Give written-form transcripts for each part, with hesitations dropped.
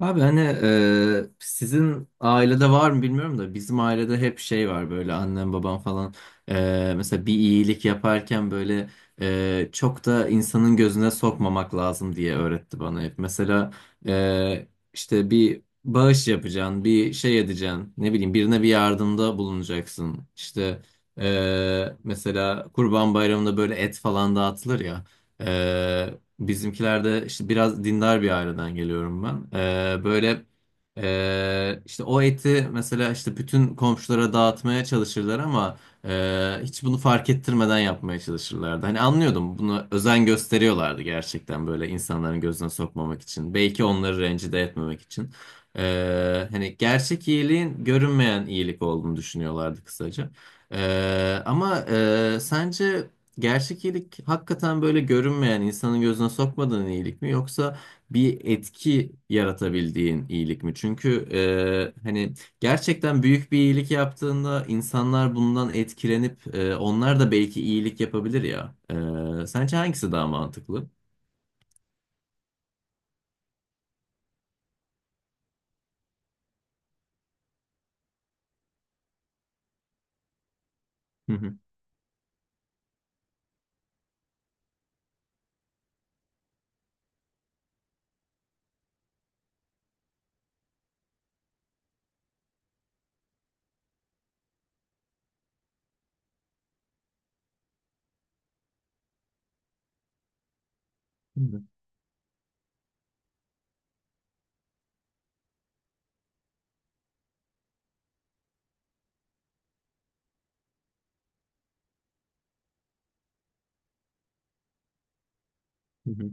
Abi hani sizin ailede var mı bilmiyorum da bizim ailede hep şey var böyle annem babam falan mesela bir iyilik yaparken böyle çok da insanın gözüne sokmamak lazım diye öğretti bana hep. Mesela e, işte bir bağış yapacaksın, bir şey edeceksin, ne bileyim birine bir yardımda bulunacaksın. İşte mesela Kurban Bayramı'nda böyle et falan dağıtılır ya. Bizimkilerde işte biraz dindar bir aileden geliyorum ben. Böyle işte o eti mesela işte bütün komşulara dağıtmaya çalışırlar ama hiç bunu fark ettirmeden yapmaya çalışırlardı. Hani anlıyordum bunu özen gösteriyorlardı gerçekten böyle insanların gözüne sokmamak için. Belki onları rencide etmemek için. Hani gerçek iyiliğin görünmeyen iyilik olduğunu düşünüyorlardı kısaca. Ama sence gerçek iyilik hakikaten böyle görünmeyen, insanın gözüne sokmadığın iyilik mi yoksa bir etki yaratabildiğin iyilik mi? Çünkü hani gerçekten büyük bir iyilik yaptığında insanlar bundan etkilenip onlar da belki iyilik yapabilir ya. Sence hangisi daha mantıklı? Hı hı. Hı hı. Hı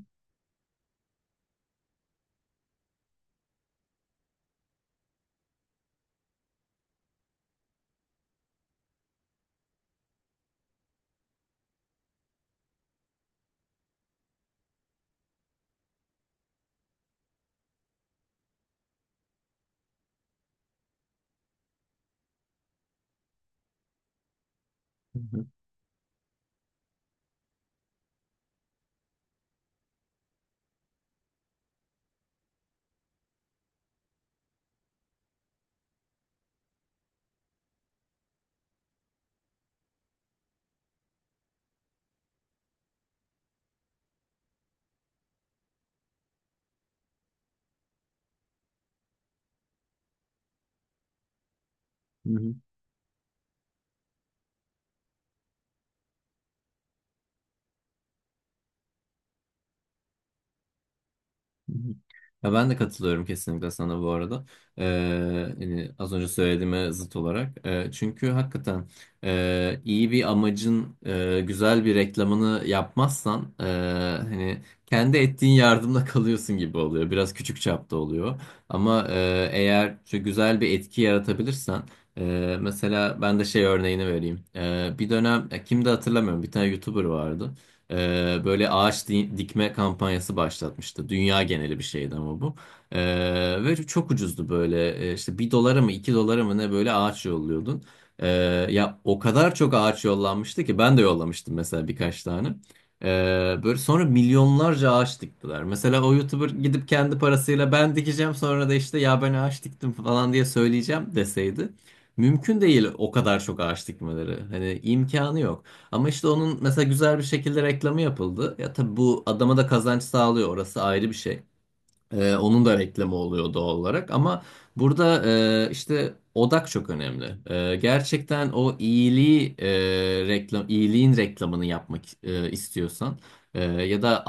hı. Hı hı. Hı hı. Ya ben de katılıyorum kesinlikle sana bu arada. Hani az önce söylediğime zıt olarak. Çünkü hakikaten iyi bir amacın güzel bir reklamını yapmazsan hani kendi ettiğin yardımla kalıyorsun gibi oluyor. Biraz küçük çapta oluyor. Ama eğer şu güzel bir etki yaratabilirsen mesela ben de şey örneğini vereyim. Bir dönem ya kimdi hatırlamıyorum bir tane YouTuber vardı. Böyle ağaç dikme kampanyası başlatmıştı. Dünya geneli bir şeydi ama bu. Ve çok ucuzdu böyle. İşte bir dolara mı iki dolara mı ne böyle ağaç yolluyordun. Ee, ya o kadar çok ağaç yollanmıştı ki ben de yollamıştım mesela birkaç tane. Böyle sonra milyonlarca ağaç diktiler. Mesela o YouTuber gidip kendi parasıyla ben dikeceğim sonra da işte ya ben ağaç diktim falan diye söyleyeceğim deseydi. Mümkün değil o kadar çok ağaç dikmeleri. Hani imkanı yok. Ama işte onun mesela güzel bir şekilde reklamı yapıldı. Ya tabii bu adama da kazanç sağlıyor. Orası ayrı bir şey. Onun da reklamı oluyor doğal olarak. Ama burada işte odak çok önemli. Gerçekten o iyiliği reklam, iyiliğin reklamını yapmak istiyorsan e, ya da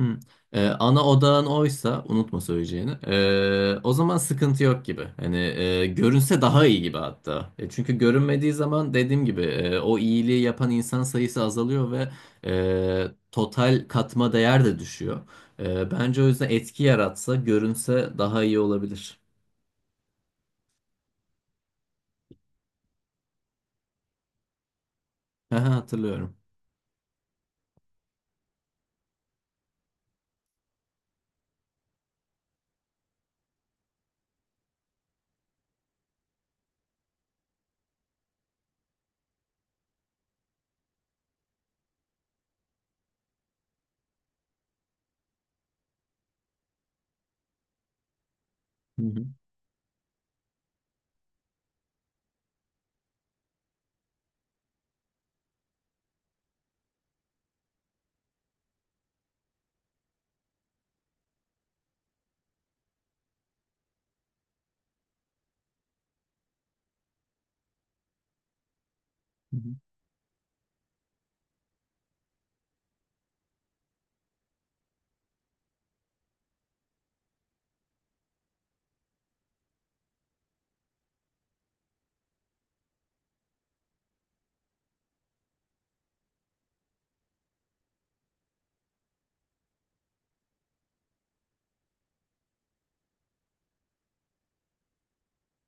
Hı. Ana odağın oysa unutma söyleyeceğini. O zaman sıkıntı yok gibi. Hani görünse daha iyi gibi hatta. Çünkü görünmediği zaman dediğim gibi o iyiliği yapan insan sayısı azalıyor ve total katma değer de düşüyor. Bence o yüzden etki yaratsa görünse daha iyi olabilir. Aha, hatırlıyorum. Hı hı.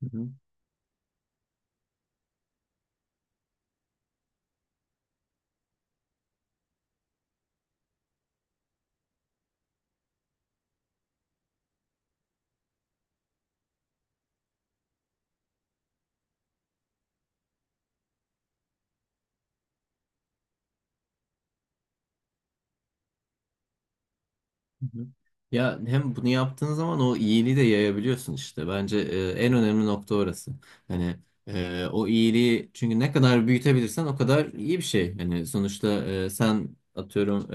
Hı hı. Hı hı. Ya hem bunu yaptığın zaman o iyiliği de yayabiliyorsun işte. Bence en önemli nokta orası. Hani o iyiliği çünkü ne kadar büyütebilirsen o kadar iyi bir şey. Hani sonuçta sen atıyorum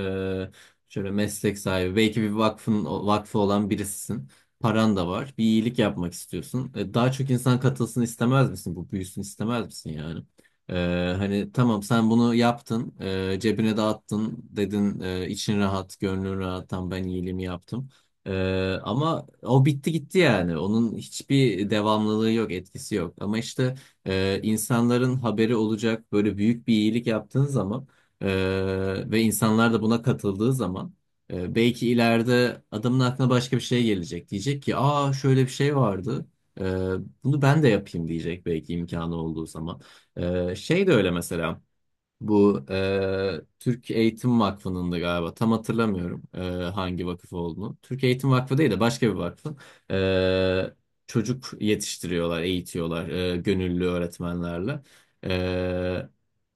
e, şöyle meslek sahibi belki bir vakfın vakfı olan birisisin. Paran da var. Bir iyilik yapmak istiyorsun. Daha çok insan katılsın istemez misin? Bu büyüsün istemez misin yani? Hani tamam sen bunu yaptın, cebine dağıttın dedin, için rahat, gönlün rahat, tam ben iyiliğimi yaptım. Ama o bitti gitti yani. Onun hiçbir devamlılığı yok, etkisi yok. Ama işte insanların haberi olacak böyle büyük bir iyilik yaptığın zaman e, ve insanlar da buna katıldığı zaman belki ileride adamın aklına başka bir şey gelecek. Diyecek ki, aa şöyle bir şey vardı. E, bunu ben de yapayım diyecek belki imkanı olduğu zaman. Şey de öyle mesela. Bu Türk Eğitim Vakfı'nın da galiba tam hatırlamıyorum hangi vakıf olduğunu. Türk Eğitim Vakfı değil de başka bir vakfın. E, çocuk yetiştiriyorlar, eğitiyorlar gönüllü öğretmenlerle. E,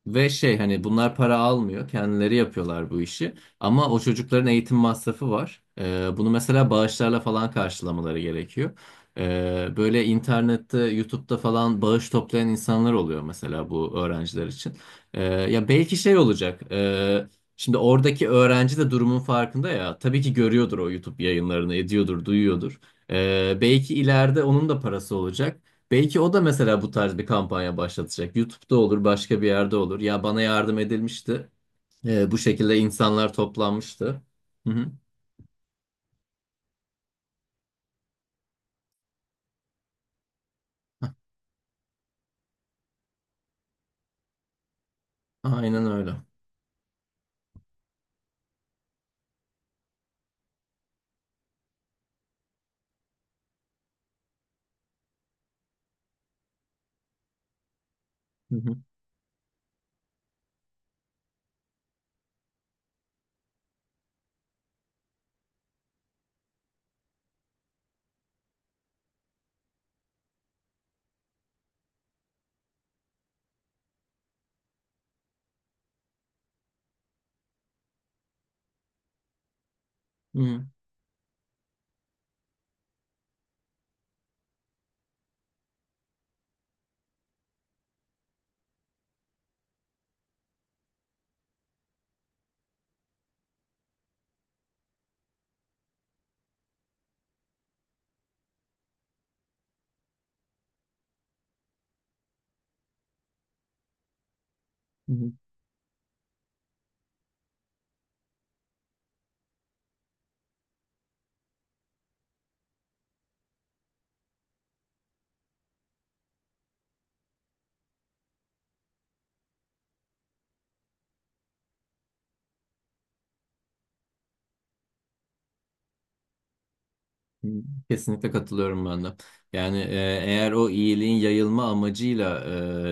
ve şey hani bunlar para almıyor, kendileri yapıyorlar bu işi. Ama o çocukların eğitim masrafı var. Bunu mesela bağışlarla falan karşılamaları gerekiyor. Böyle internette, YouTube'da falan bağış toplayan insanlar oluyor mesela bu öğrenciler için. Ya belki şey olacak. Şimdi oradaki öğrenci de durumun farkında ya. Tabii ki görüyordur o YouTube yayınlarını, ediyordur, duyuyordur. Belki ileride onun da parası olacak. Belki o da mesela bu tarz bir kampanya başlatacak. YouTube'da olur, başka bir yerde olur. Ya bana yardım edilmişti. Bu şekilde insanlar toplanmıştı. Hı hı. Aynen öyle. Hı hı. Hı hı. Kesinlikle katılıyorum ben de. Yani eğer o iyiliğin yayılma amacıyla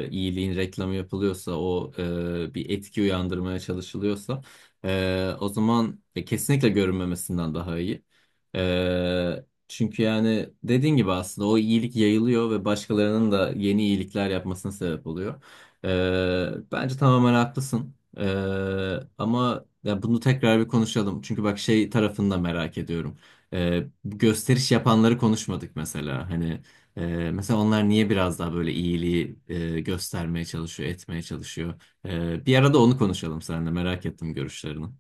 iyiliğin reklamı yapılıyorsa, o bir etki uyandırmaya çalışılıyorsa, o zaman kesinlikle görünmemesinden daha iyi. Çünkü yani dediğin gibi aslında o iyilik yayılıyor ve başkalarının da yeni iyilikler yapmasına sebep oluyor. Bence tamamen haklısın. Ama ya bunu tekrar bir konuşalım. Çünkü bak şey tarafını da merak ediyorum. Gösteriş yapanları konuşmadık mesela. Hani mesela onlar niye biraz daha böyle iyiliği göstermeye çalışıyor, etmeye çalışıyor. Bir arada onu konuşalım seninle. Merak ettim görüşlerini. Hı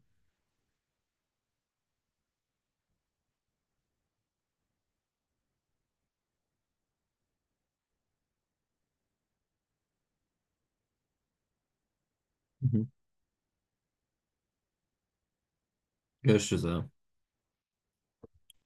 hı. Görüşürüz abi.